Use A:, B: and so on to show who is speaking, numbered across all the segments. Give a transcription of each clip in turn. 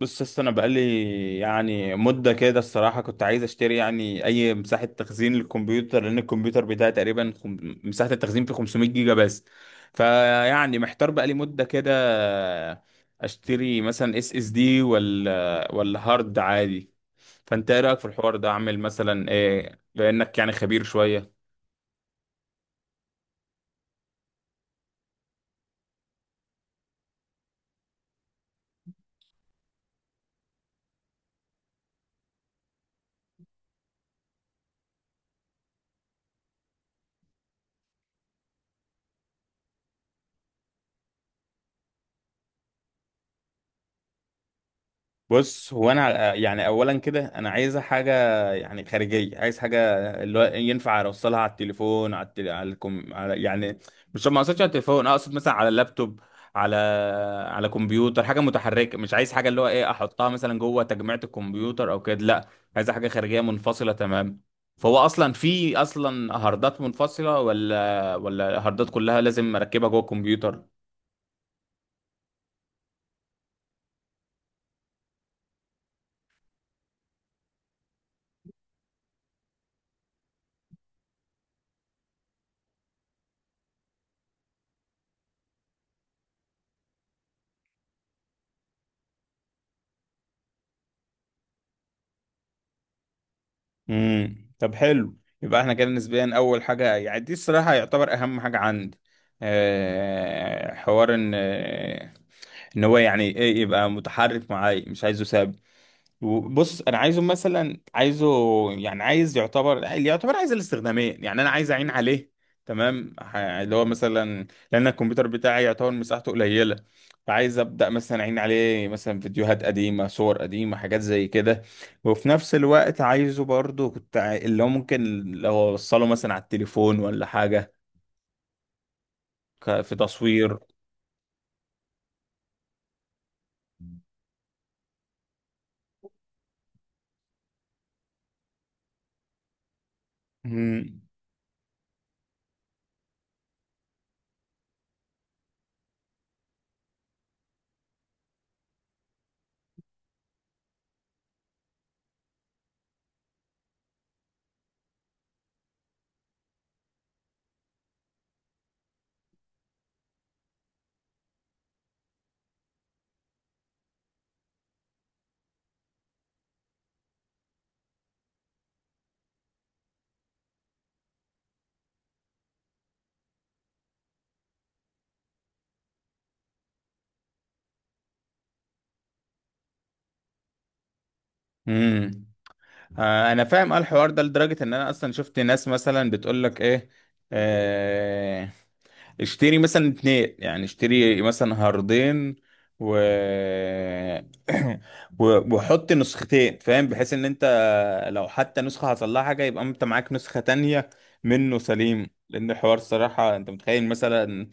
A: بص يا اسطى، انا بقالي يعني مده كده. الصراحه كنت عايز اشتري يعني اي مساحه تخزين للكمبيوتر، لان الكمبيوتر بتاعي تقريبا مساحه التخزين فيه 500 جيجا بس. فيعني محتار بقالي مده كده، اشتري مثلا اس اس دي ولا هارد عادي. فانت ايه رايك في الحوار ده؟ اعمل مثلا ايه؟ بانك يعني خبير شويه. بص، هو انا يعني اولا كده انا عايزه حاجه، يعني خارجيه، عايز حاجه اللي هو ينفع اوصلها على التليفون، على يعني، مش، ما اقصدش على التليفون، اقصد مثلا على اللابتوب، على على كمبيوتر، حاجه متحركه، مش عايز حاجه اللي هو ايه احطها مثلا جوه تجميعة الكمبيوتر او كده، لا، عايز حاجه خارجيه منفصله تمام. فهو اصلا في اصلا هاردات منفصله ولا هاردات كلها لازم اركبها جوه الكمبيوتر؟ امم. طب حلو، يبقى احنا كده نسبيا اول حاجه يعني دي الصراحه يعتبر اهم حاجه عندي. أه حوار ان آه، ان هو يعني ايه، يبقى متحرك معايا، مش عايزه ثابت. بص انا عايزه يعني عايز يعتبر عايز الاستخدامين، يعني انا عايز اعين عليه تمام. اللي هو مثلا لان الكمبيوتر بتاعي يعتبر مساحته قليله، فعايز ابدا مثلا اعين عليه مثلا فيديوهات قديمه، صور قديمه، حاجات زي كده. وفي نفس الوقت عايزه برضو، كنت اللي هو ممكن لو اوصله مثلا على التليفون ولا حاجه، في تصوير. امم. آه، انا فاهم اه الحوار ده لدرجه ان انا اصلا شفت ناس مثلا بتقول لك ايه: آه، اشتري مثلا اتنين، يعني اشتري مثلا هاردين، و... وحط نسختين، فاهم؟ بحيث ان انت لو حتى نسخه حصل لها حاجه يبقى انت معاك نسخه تانية منه سليم. لان الحوار الصراحه، انت متخيل مثلا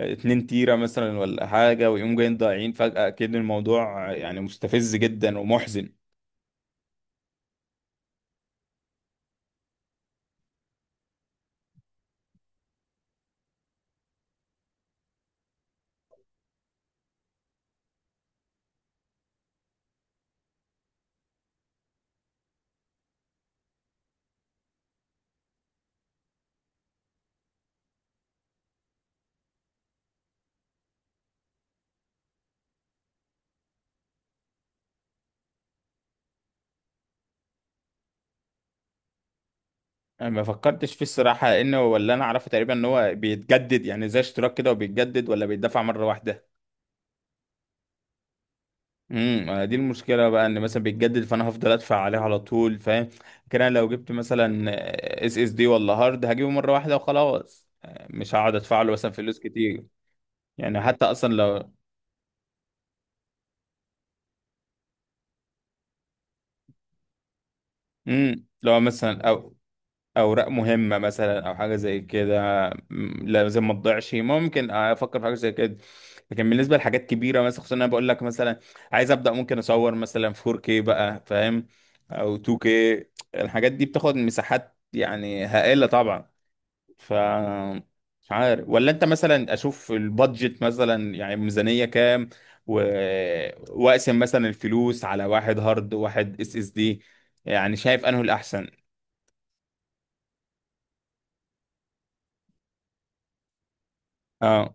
A: 2 تيرة مثلا ولا حاجة ويقوم جايين ضايعين فجأة؟ أكيد الموضوع يعني مستفز جدا ومحزن. انا ما فكرتش فيه الصراحه، لانه ولا انا اعرفه تقريبا، ان هو بيتجدد يعني زي اشتراك كده وبيتجدد ولا بيدفع مره واحده. امم، دي المشكله بقى، ان مثلا بيتجدد، فانا هفضل ادفع عليه على طول، فاهم؟ كده لو جبت مثلا اس اس دي ولا هارد هجيبه مره واحده وخلاص، مش هقعد ادفع له مثلا فلوس كتير. يعني حتى اصلا لو... لو مثلا او اوراق مهمه مثلا او حاجه زي كده، لازم ما تضيعش، ممكن افكر في حاجه زي كده. لكن بالنسبه لحاجات كبيره مثلا، خصوصا انا بقول لك مثلا عايز ابدا ممكن اصور مثلا 4K بقى، فاهم؟ او 2K. الحاجات دي بتاخد مساحات يعني هائله طبعا. ف... مش عارف، ولا انت مثلا اشوف البادجت مثلا يعني ميزانيه كام، و... واقسم مثلا الفلوس على واحد هارد وواحد اس اس دي، يعني شايف انه الاحسن؟ اه،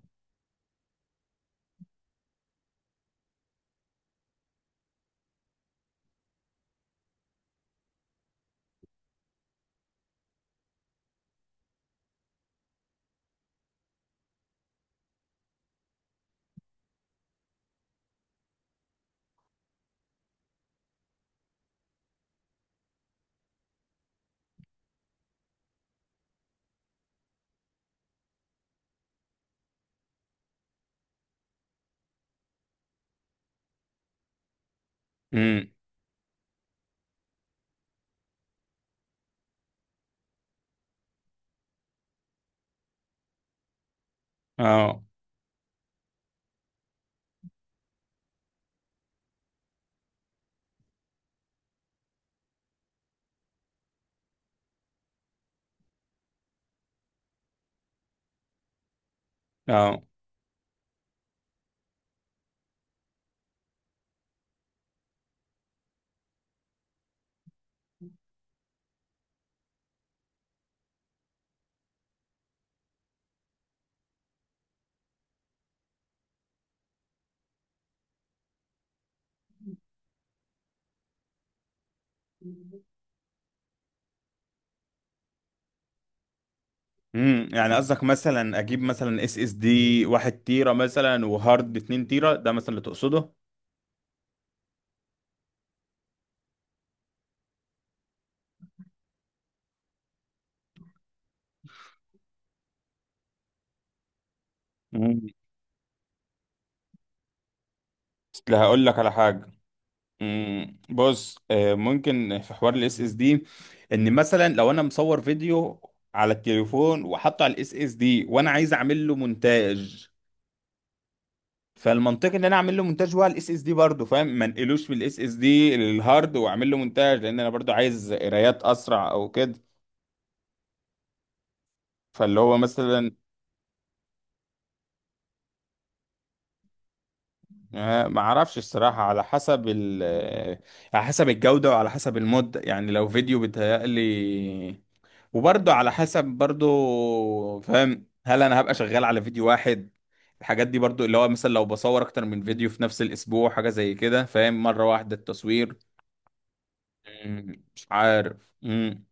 A: اه، اه. امم، يعني قصدك مثلا اجيب مثلا اس اس دي 1 تيرة مثلا وهارد 2 تيرة، ده مثلا اللي تقصده؟ مم. اصل هقول لك على حاجة. مم. بص، ممكن في حوار الاس اس دي، ان مثلا لو انا مصور فيديو على التليفون وحاطه على الاس اس دي وانا عايز اعمل له مونتاج، فالمنطقي ان انا اعمل له مونتاج هو على الاس اس دي برضه، فاهم؟ ما انقلوش من الاس اس دي للهارد واعمل له مونتاج، لان انا برضه عايز قرايات اسرع او كده. فاللي هو مثلا... ما اعرفش الصراحة، على حسب ال آه، على حسب الجودة وعلى حسب المدة، يعني لو فيديو بيتهيألي، وبرضه على حسب، برضه فاهم هل انا هبقى شغال على فيديو واحد. الحاجات دي برضه اللي هو مثلا لو بصور اكتر من فيديو في نفس الاسبوع، حاجة زي كده، فاهم؟ مرة واحدة التصوير. مش عارف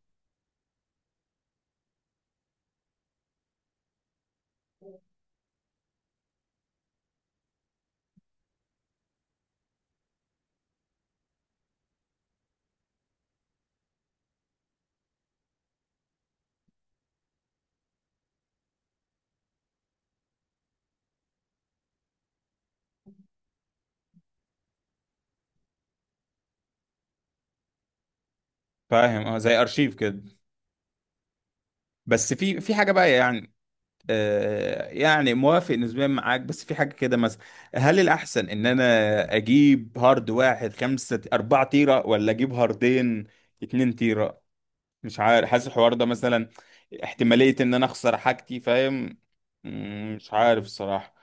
A: فاهم، اه، زي ارشيف كده. بس في حاجة بقى يعني. يعني موافق نسبيا معاك، بس في حاجة كده مثلا: هل الأحسن إن أنا أجيب هارد واحد خمسة أربعة تيرة، ولا أجيب هاردين 2 تيرة؟ مش عارف، حاسس الحوار ده مثلا احتمالية إن أنا أخسر حاجتي، فاهم؟ مش عارف الصراحة.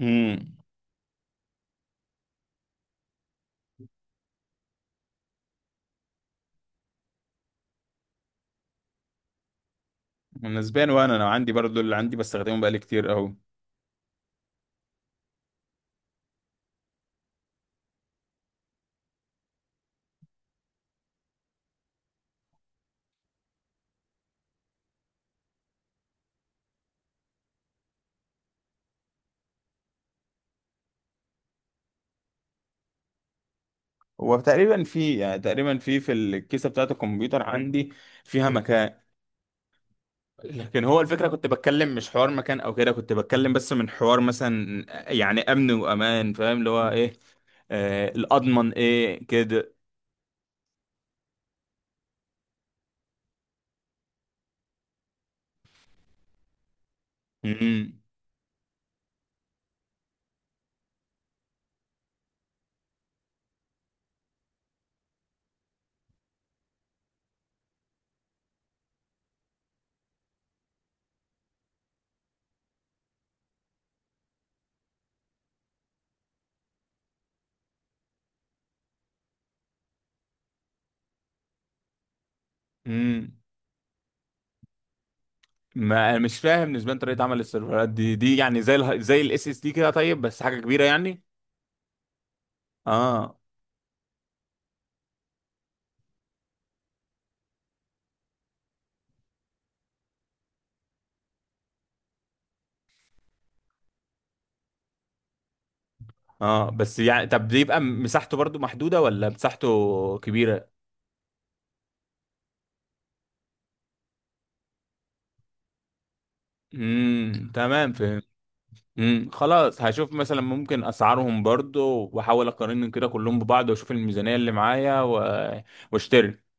A: امم. نسبيا، وأنا عندي برضو، اللي عندي بستخدمه بقالي كتير أوي. هو تقريبا في، يعني تقريبا في الكيسة بتاعة الكمبيوتر عندي فيها مكان. لكن هو الفكرة كنت بتكلم مش حوار مكان أو كده، كنت بتكلم بس من حوار مثلا يعني أمن وأمان، فاهم؟ اللي هو إيه الأضمن إيه كده. امم، امم. ما أنا مش فاهم نسبيا طريقة عمل السيرفرات دي يعني زي الاس اس دي كده، طيب بس حاجة كبيرة يعني؟ اه. اه، بس يعني طب دي يبقى مساحته برضو محدودة ولا مساحته كبيرة؟ امم، تمام، فهمت. امم، خلاص، هشوف مثلا ممكن اسعارهم برضو واحاول اقارنهم كده كلهم ببعض واشوف الميزانية اللي معايا، و... واشتري.